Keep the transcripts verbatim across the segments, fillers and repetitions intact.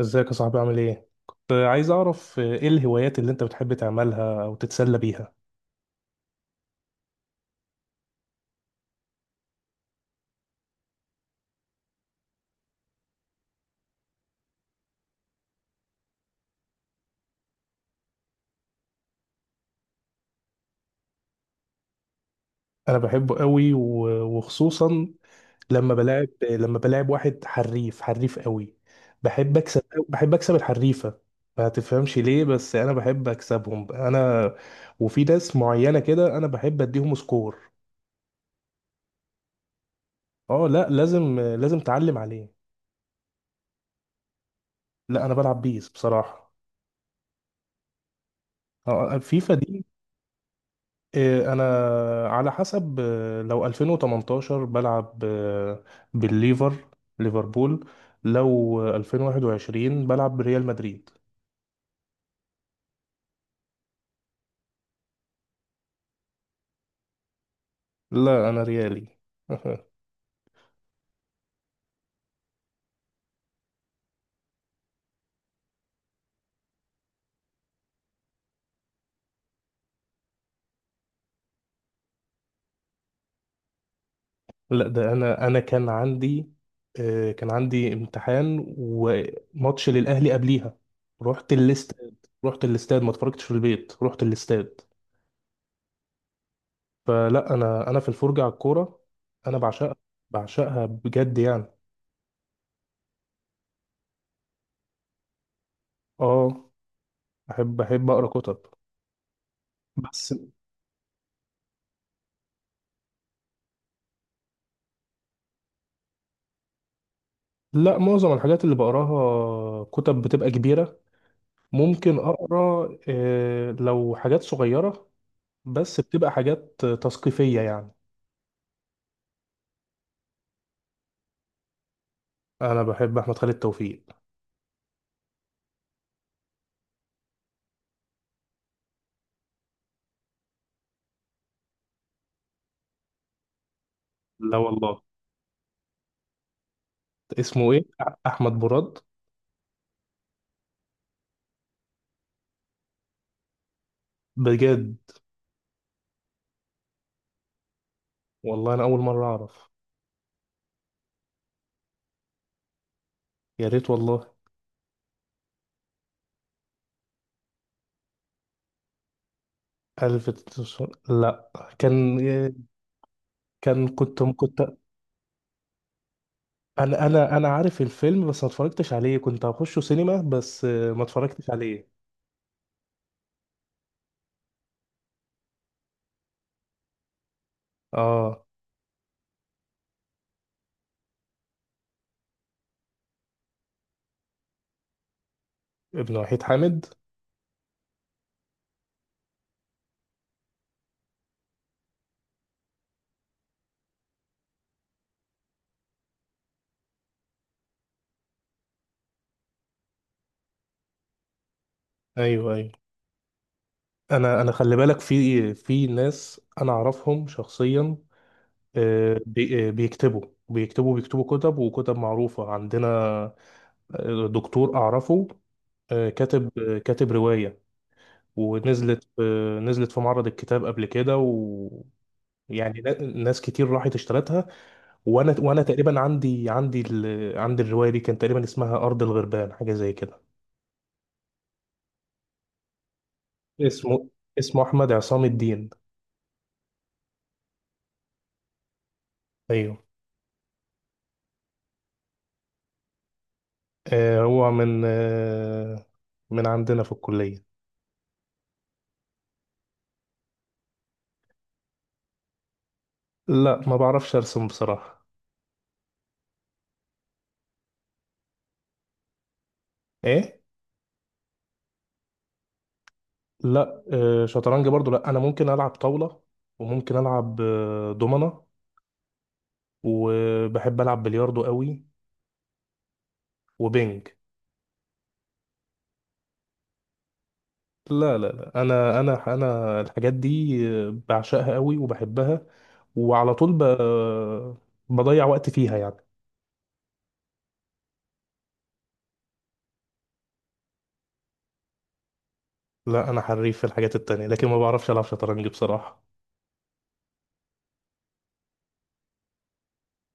ازيك يا صاحبي عامل ايه؟ كنت عايز اعرف ايه الهوايات اللي انت بتحب تعملها او تتسلى بيها. انا بحبه قوي و- وخصوصا لما بلاعب لما بلاعب واحد حريف حريف قوي. بحب اكسب بحب اكسب الحريفة، ما تفهمش ليه، بس انا بحب اكسبهم انا. وفي ناس معينة كده انا بحب اديهم سكور. اه، لا، لازم لازم اتعلم عليه. لا، انا بلعب بيس بصراحة. اه، فيفا دي. إيه، انا على حسب، آه، لو ألفين وتمنتاشر بلعب آه، بالليفر، ليفربول. لو آه، ألفين وواحد وعشرين بلعب بريال مدريد. لا، انا ريالي. لا ده انا انا كان عندي، آه، كان عندي امتحان وماتش للاهلي قبليها. رحت الاستاد. رحت الاستاد، ما اتفرجتش في البيت، رحت الاستاد. فلا انا انا في الفرجة على الكورة، انا بعشقها، بعشقها بجد يعني. اه، احب احب اقرا كتب. بس لا، معظم الحاجات اللي بقراها كتب بتبقى كبيرة. ممكن أقرأ، آه، لو حاجات صغيرة، بس بتبقى حاجات تثقيفية يعني. أنا بحب أحمد خالد توفيق. لا والله، اسمه إيه؟ أ- أحمد براد؟ بجد؟ والله أنا أول مرة أعرف. يا ريت والله. ألف تسعمية- لا، كان، كان كنت كنت أنا أنا أنا عارف الفيلم، بس ما اتفرجتش عليه. كنت هخشه سينما، بس آه، ما اتفرجتش عليه. آه، ابن وحيد حامد. ايوه ايوه. انا انا خلي بالك، في في ناس انا اعرفهم شخصيا، آه، بي- آه، بيكتبوا، بيكتبوا بيكتبوا كتب، وكتب معروفة عندنا. آه، دكتور اعرفه، آه، كاتب آه، كاتب رواية. ونزلت، آه، نزلت في معرض الكتاب قبل كده، و، يعني نا- ناس كتير راحت اشترتها. وانا وانا تقريبا عندي عندي ال... عندي الرواية دي، كان تقريبا اسمها ارض الغربان، حاجة زي كده. اسمه اسمه احمد عصام الدين. ايوه. آه، هو من آه، من عندنا في الكلية. لا، ما بعرفش ارسم بصراحة. ايه؟ لا، آه، شطرنج برضو لا. انا ممكن العب طاولة، وممكن العب آه، دومنة، وبحب العب بلياردو قوي، وبينج. لا لا لا انا انا انا الحاجات دي، آه، بعشقها قوي وبحبها، وعلى طول ب... بضيع وقت فيها يعني. لا، انا حريف في الحاجات التانية، لكن ما بعرفش العب شطرنج بصراحة.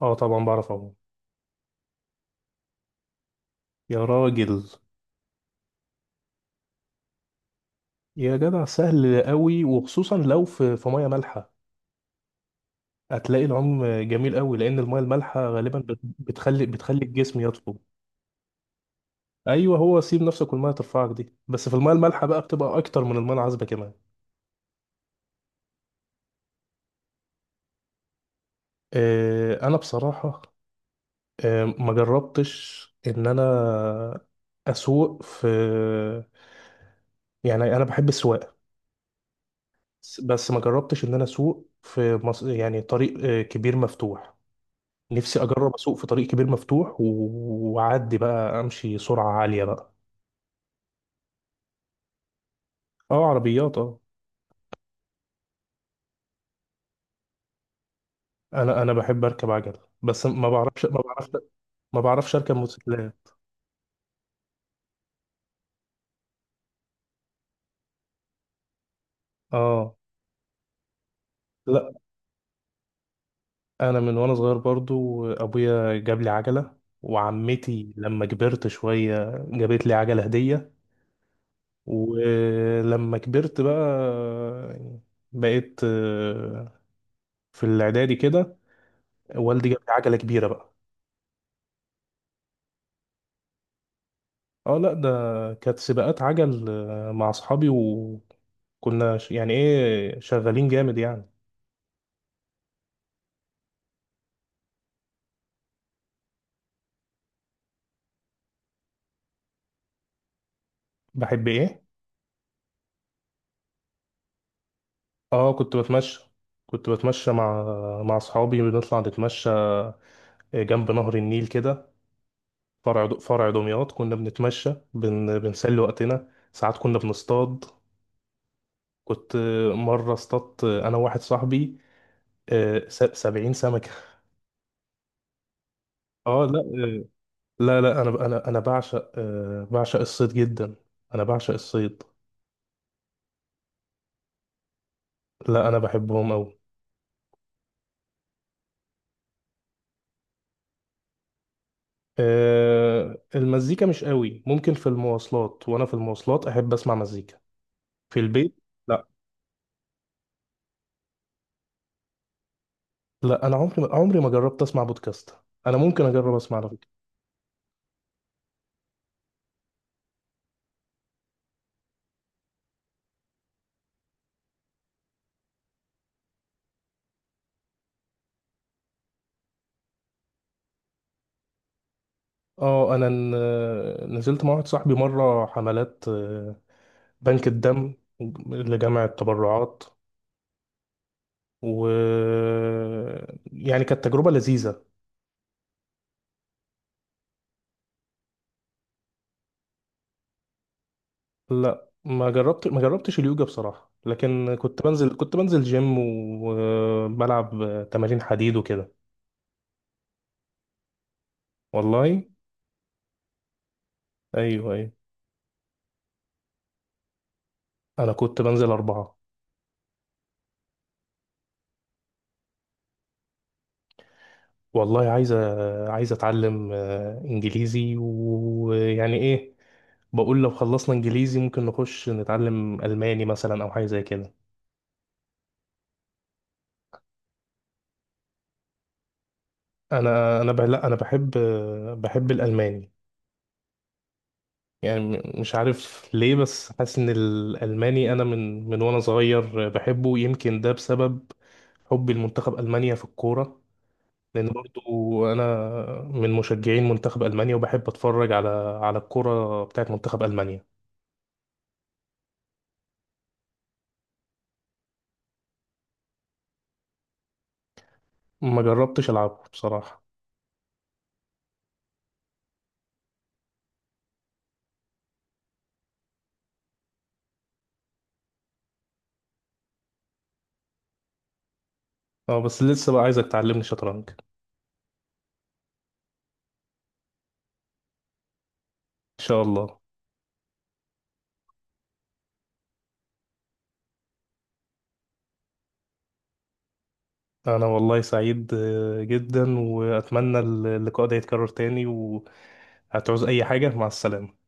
اه طبعا بعرف اهو. يا راجل! يا جدع سهل قوي، وخصوصا لو في في ميه مالحه، هتلاقي العوم جميل قوي، لان الميه المالحه غالبا بت- بتخلي، بتخلي الجسم يطفو. ايوه، هو سيب نفسك والميه ترفعك دي، بس في الميه المالحه بقى، بتبقى اكتر من الميه العذبه كمان. آه، انا بصراحه آه، ما جربتش ان انا اسوق في، يعني انا بحب السواقه، بس ما جربتش ان انا اسوق في مص... يعني طريق آه، كبير مفتوح. نفسي اجرب اسوق في طريق كبير مفتوح و- واعدي بقى، امشي سرعه عاليه بقى. اه، عربيات، اه. انا انا بحب اركب عجل، بس ما بعرفش ما بعرفش ما بعرفش اركب موتوسيكلات. اه لا، انا من وانا صغير برضو ابويا جاب لي عجله، وعمتي لما كبرت شويه جابت لي عجله هديه. ولما كبرت بقى، بقيت آه، في الاعدادي كده والدي جاب لي عجله كبيره بقى. اه لا ده كانت سباقات عجل آه، مع اصحابي، وكنا ش- يعني ايه، شغالين جامد يعني. بحب ايه؟ اه، كنت بتمشى كنت بتمشى مع، مع اصحابي. بنطلع نتمشى آه، جنب نهر النيل كده، فرع د- فرع دمياط، كنا بنتمشى بن... بنسلي وقتنا. ساعات كنا بنصطاد. كنت مرة اصطادت انا واحد صاحبي، آه، س- سبعين سمكة. اه لا، آه، لا لا انا انا انا بعشق، آه، بعشق الصيد جدا، انا بعشق الصيد. لا، انا بحبهم قوي. أه، المزيكا مش قوي، ممكن في المواصلات، وانا في المواصلات احب اسمع مزيكا. في البيت لا. لا، انا عمري ما عمري ما جربت اسمع بودكاست. انا ممكن اجرب اسمع على فكره. اه، انا ن- نزلت مع واحد صاحبي مره حملات، آه، بنك الدم، لجمع التبرعات. و، يعني كانت تجربه لذيذه. لا، ما جربت ما جربتش اليوجا بصراحه، لكن كنت بنزل كنت بنزل جيم، وبلعب تمارين حديد وكده. والله؟ ايوه ايوه. انا كنت بنزل اربعه. والله عايز أ- عايز اتعلم آه، انجليزي، ويعني ايه، بقول لو خلصنا انجليزي ممكن نخش نتعلم الماني مثلا، او حاجه زي كده. انا انا بح- لا انا بحب آه، بحب الالماني. يعني م- مش عارف ليه، بس حاسس ان الالماني انا من من وانا صغير بحبه. يمكن ده بسبب حبي لمنتخب المانيا في الكوره، لان برضو انا من مشجعين منتخب المانيا، وبحب اتفرج على، على الكرة بتاعت منتخب المانيا. ما جربتش العبها بصراحة. اه، بس لسه بقى عايزك تعلمني شطرنج ان شاء الله. انا والله سعيد آه، جدا، واتمنى اللقاء ده يتكرر تاني. وهتعوز اي حاجة. مع السلامة.